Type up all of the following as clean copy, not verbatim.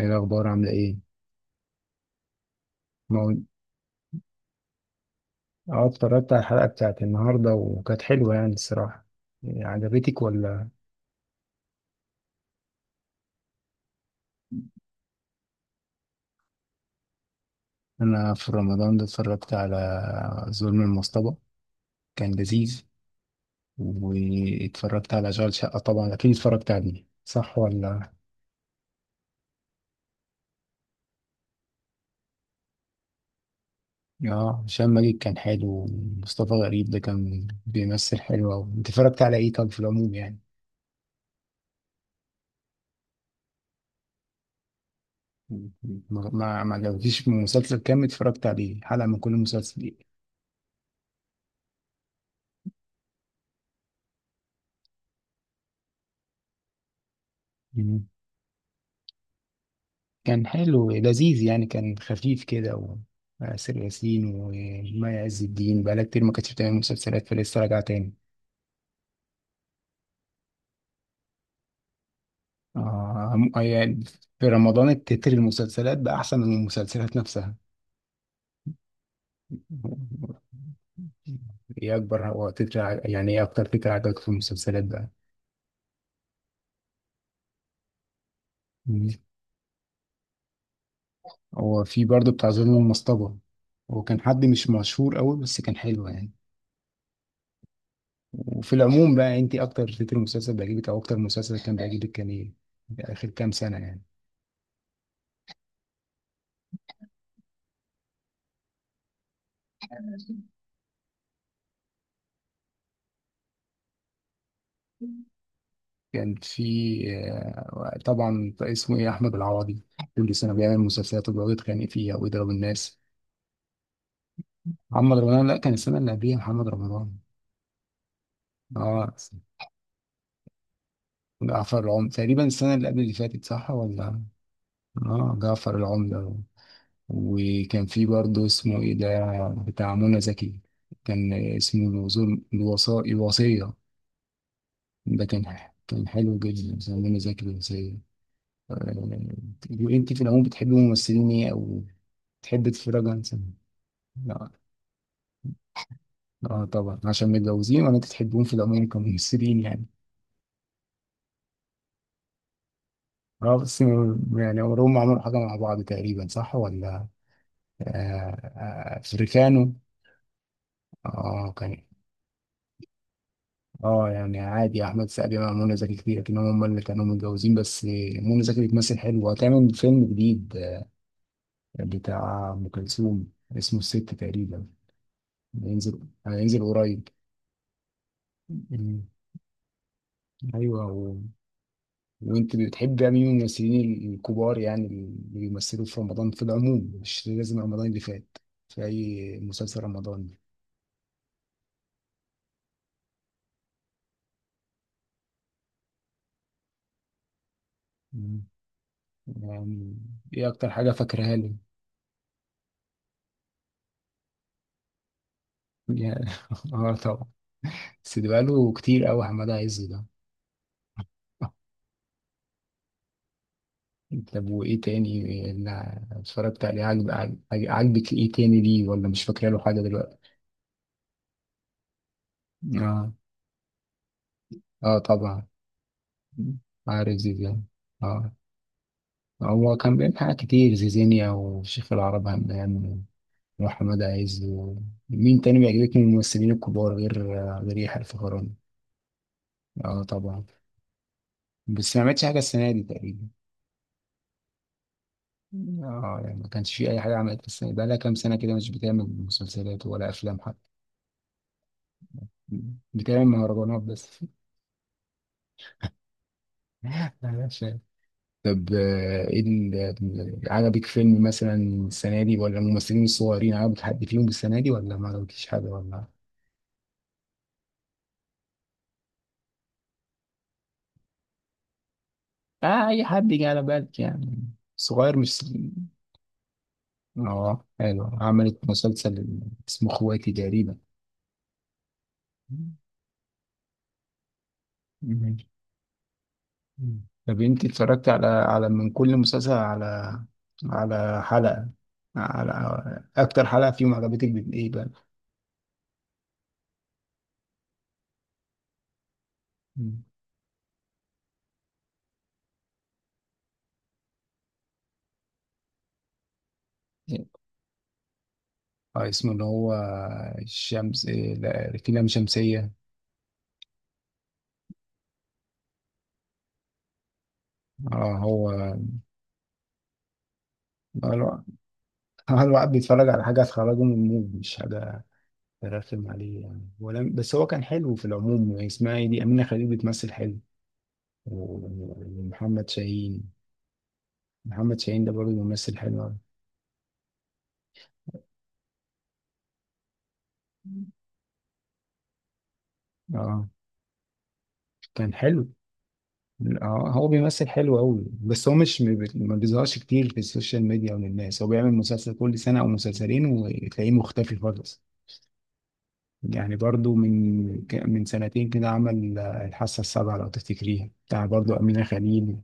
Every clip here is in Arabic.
ايه الاخبار عامله ايه؟ ما هو- اه، اتفرجت على الحلقه بتاعت النهارده وكانت حلوه يعني الصراحه. إيه، عجبتك ولا؟ انا في رمضان ده اتفرجت على ظلم المصطبه. كان لذيذ. واتفرجت على اشغال شقه، طبعا اكيد اتفرجت عليه، صح ولا؟ اه، هشام ماجد كان حلو، ومصطفى غريب ده كان بيمثل حلو أوي. انت اتفرجت على ايه طب في العموم يعني؟ ما عجبكيش مسلسل كامل؟ اتفرجت عليه حلقه من كل مسلسل؟ ايه؟ كان حلو لذيذ يعني، كان خفيف كده وآسر ياسين ومي عز الدين بقالها كتير ما كانتش بتعمل مسلسلات، فلسه راجعة تاني. آه يعني، في رمضان التتر المسلسلات بقى أحسن من المسلسلات نفسها. إيه أكبر هو تتر ع- يعني إيه أكتر تتر عجبك في المسلسلات بقى؟ مم. هو في برضه بتاع ظلم المصطبة. هو كان حد مش مشهور قوي بس كان حلو يعني. وفي العموم بقى أنت أكتر تتر مسلسل بيعجبك أو أكتر مسلسل كان بيعجبك كان إيه؟ آخر كام سنة يعني. كان في آه، طبعا اسمه ايه، احمد العوضي. كل سنه بيعمل مسلسلات وبيقعد يتخانق فيها ويضرب الناس. محمد رمضان، لا، كان السنه اللي قبليها محمد رمضان. اه، جعفر العمدة تقريبا، السنه اللي قبل اللي فاتت، صح ولا؟ اه، جعفر العمدة. وكان في برضه اسمه ايه ده بتاع منى زكي. كان اسمه الوصية. ده كان كان حلو جدا، اسمه منى زكي الوصية. آه. وانت في العموم بتحبي ممثلين ايه، او تحب تتفرج على سينما؟ لا. اه، طبعا، عشان متجوزين، انت تحبون في العموم كممثلين يعني؟ اه، بس يعني عمرهم ما عملوا حاجة مع بعض تقريبا، صح ولا؟ آه، آه، افريكانو. اه كان اه يعني عادي، احمد سعد مع منى زكي كتير، لكن هم اللي كانوا متجوزين بس. منى زكي بتمثل حلو، وهتعمل فيلم جديد بتاع ام كلثوم. اسمه الست تقريبا. هينزل هينزل قريب. مم. ايوه. وانت بتحب مين من الممثلين الكبار يعني، اللي بيمثلوا في رمضان في العموم، مش لازم رمضان اللي فات، في اي مسلسل رمضان؟ مم. يعني، ايه اكتر حاجه فاكرها له؟ يعني- اه، طبعا. بس ده بقاله كتير قوي حماده عز ده. طب وايه تاني اللي اتفرجت عليه، عجبك ايه تاني ليه، ولا مش فاكره له حاجه دلوقتي؟ اه. اه، طبعا. عارف زيزان؟ اه، هو كان بيعمل حاجات كتير، زيزينيا وشيخ العرب همام وأحمد عز مين تاني بيعجبك من الممثلين الكبار غير يحيى الفخراني؟ اه، طبعا. بس ما عملتش حاجة السنة دي تقريبا. اه، يعني ما كانش في أي حاجة عملت السنة دي، بقالها كام سنة كده مش بتعمل مسلسلات ولا أفلام حتى. بتعمل مهرجانات بس. معلش يعني. طب ايه عجبك فيلم مثلا السنة دي، ولا الممثلين الصغيرين عجبك حد فيهم السنة دي، ولا ما عجبكيش حاجة ولا؟ اه، أي حد جه على بالك يعني، صغير مش اه حلو، عملت مسلسل اسمه اخواتي تقريبا. مم. مم. طب انت اتفرجت على من كل مسلسل على حلقة، على اكتر حلقة فيهم عجبتك، ايه بقى؟ مم. اه، اسمه اللي هو الشمس، لا، لام شمسية. اه، هو الو- الواحد بيتفرج على حاجة تخرجه من المود، مش حاجة ترخم عليه يعني، ولا بس هو كان حلو في العموم يعني، اسمها ايه دي أمينة خليل بتمثل حلو، ومحمد شاهين. محمد شاهين ده برضه ممثل حلو أوي. اه، كان حلو. اه، هو بيمثل حلو أوي، بس هو مش ما بي- ما بيظهرش كتير في السوشيال ميديا وللناس، هو بيعمل مسلسل كل سنة أو مسلسلين وتلاقيه مختفي خالص. يعني برضه من سنتين كده عمل الحاسة السابعة، لو تفتكريها، بتاع برضه أمينة خليل.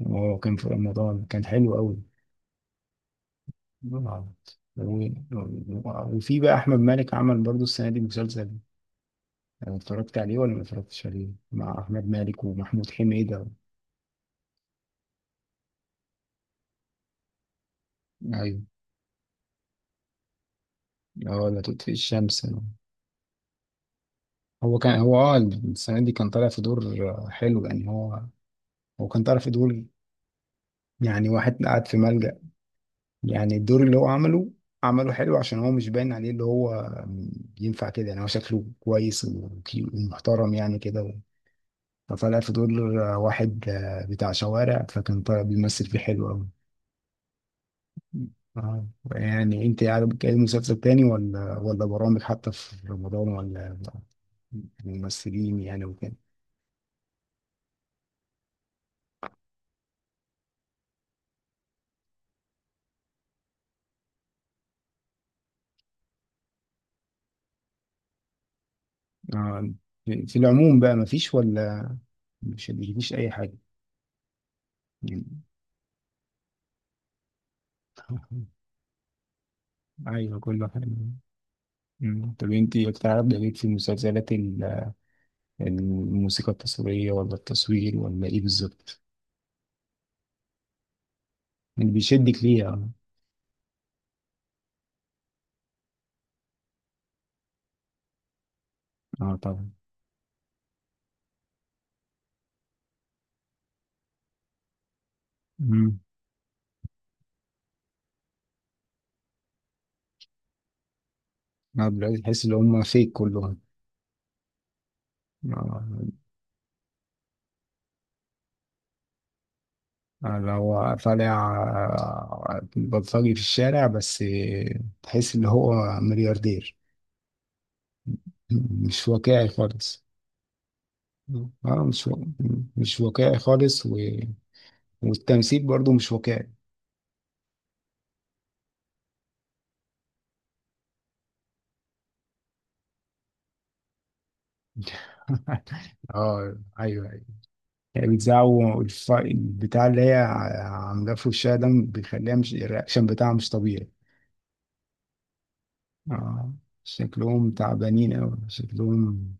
وهو كان في رمضان كان حلو أوي. آه. و- وفي بقى أحمد مالك عمل برضه السنة دي مسلسل، أنا اتفرجت عليه ولا ما اتفرجتش عليه، مع احمد مالك ومحمود حميدة. ايوه. اه، لا تطفئ الشمس. هو كان هو اه السنه دي كان طالع في دور حلو يعني هو كان طالع في دور، يعني واحد قاعد في ملجأ. يعني الدور اللي هو عمله، عمله حلو، عشان هو مش باين عليه اللي هو ينفع كده، يعني هو شكله كويس ومحترم يعني كده. فطالع في دور واحد بتاع شوارع، فكان طالع بيمثل فيه حلو أوي. آه. يعني انت يعني بتتكلم مسلسل تاني ولا برامج حتى في رمضان، ولا ممثلين يعني وكده؟ آه. في العموم بقى مفيش، ولا مش مفيش اي حاجة؟ يعني- ايوه، كله حلو. مم. طب انت بتعرف ده ليك في المسلسلات الموسيقى التصويرية، ولا التصوير، ولا ايه بالظبط اللي بيشدك ليها؟ اه، طبعا. امم دلوقتي تحس ان هم فيك كلهم. آه. اللي هو طالع بلطجي في الشارع، بس تحس ان هو ملياردير. مش واقعي خالص. اه، مش واقعي خالص والتمثيل برضو مش واقعي. اه، ايوه، ايوه. هي بتزعق. البتاع اللي هي عاملاه في وشها ده بيخليها مش، الرياكشن بتاعها مش طبيعي. اه، شكلهم تعبانين اوي شكلهم.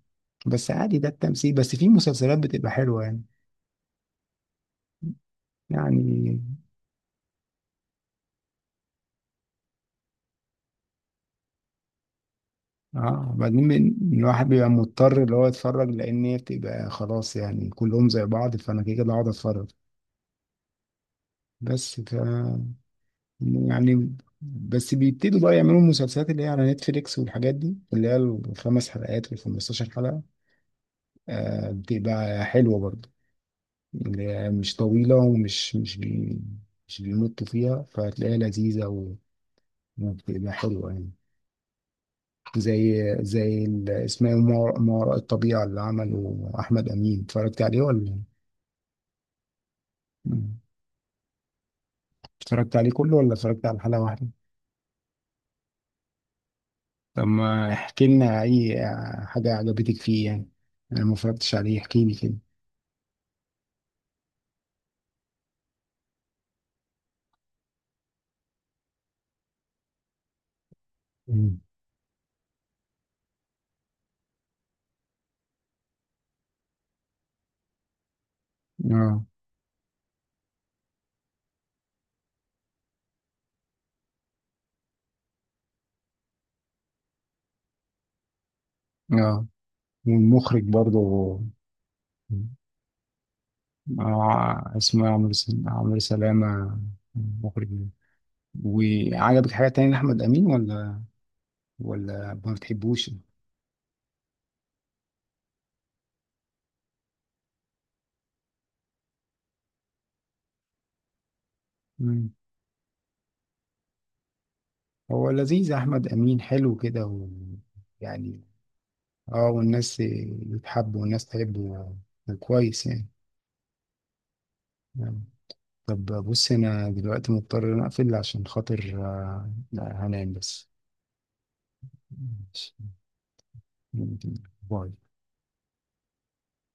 بس عادي، ده التمثيل، بس في مسلسلات بتبقى حلوة يعني. يعني. اه، بعدين الواحد بيبقى مضطر اللي هو يتفرج، لان هي بتبقى خلاص يعني، كلهم زي بعض، فانا كده كده هقعد اتفرج. بس ف يعني بس بيبتدوا بقى يعملوا المسلسلات اللي هي على نتفليكس والحاجات دي اللي هي 5 حلقات و15 حلقة. آه، بتبقى حلوة برضه، اللي هي مش طويلة، ومش مش بي مش بيمطوا فيها، فهتلاقيها لذيذة وبتبقى حلوة يعني. زي اسمه إيه؟ ما وراء الطبيعة اللي عمله أحمد أمين، اتفرجت عليه ولا؟ مم. اتفرجت عليه كله، ولا اتفرجت على حلقة واحدة؟ طب ما احكي لنا أي حاجة عجبتك فيه يعني، أنا ما اتفرجتش عليه، احكي لي كده. مم. اه. اه، والمخرج برضه. اه، اسمه عمرو سلامة. مخرج. وعجبك حاجة تانية لأحمد أمين، ولا ولا ما بتحبوش؟ هو لذيذ، احمد امين حلو كده. ويعني، اه، والناس تحبه، كويس يعني. يعني. طب بص، انا دلوقتي مضطر ان أنا اقفل عشان خاطر هنام بس. ماشي. باي.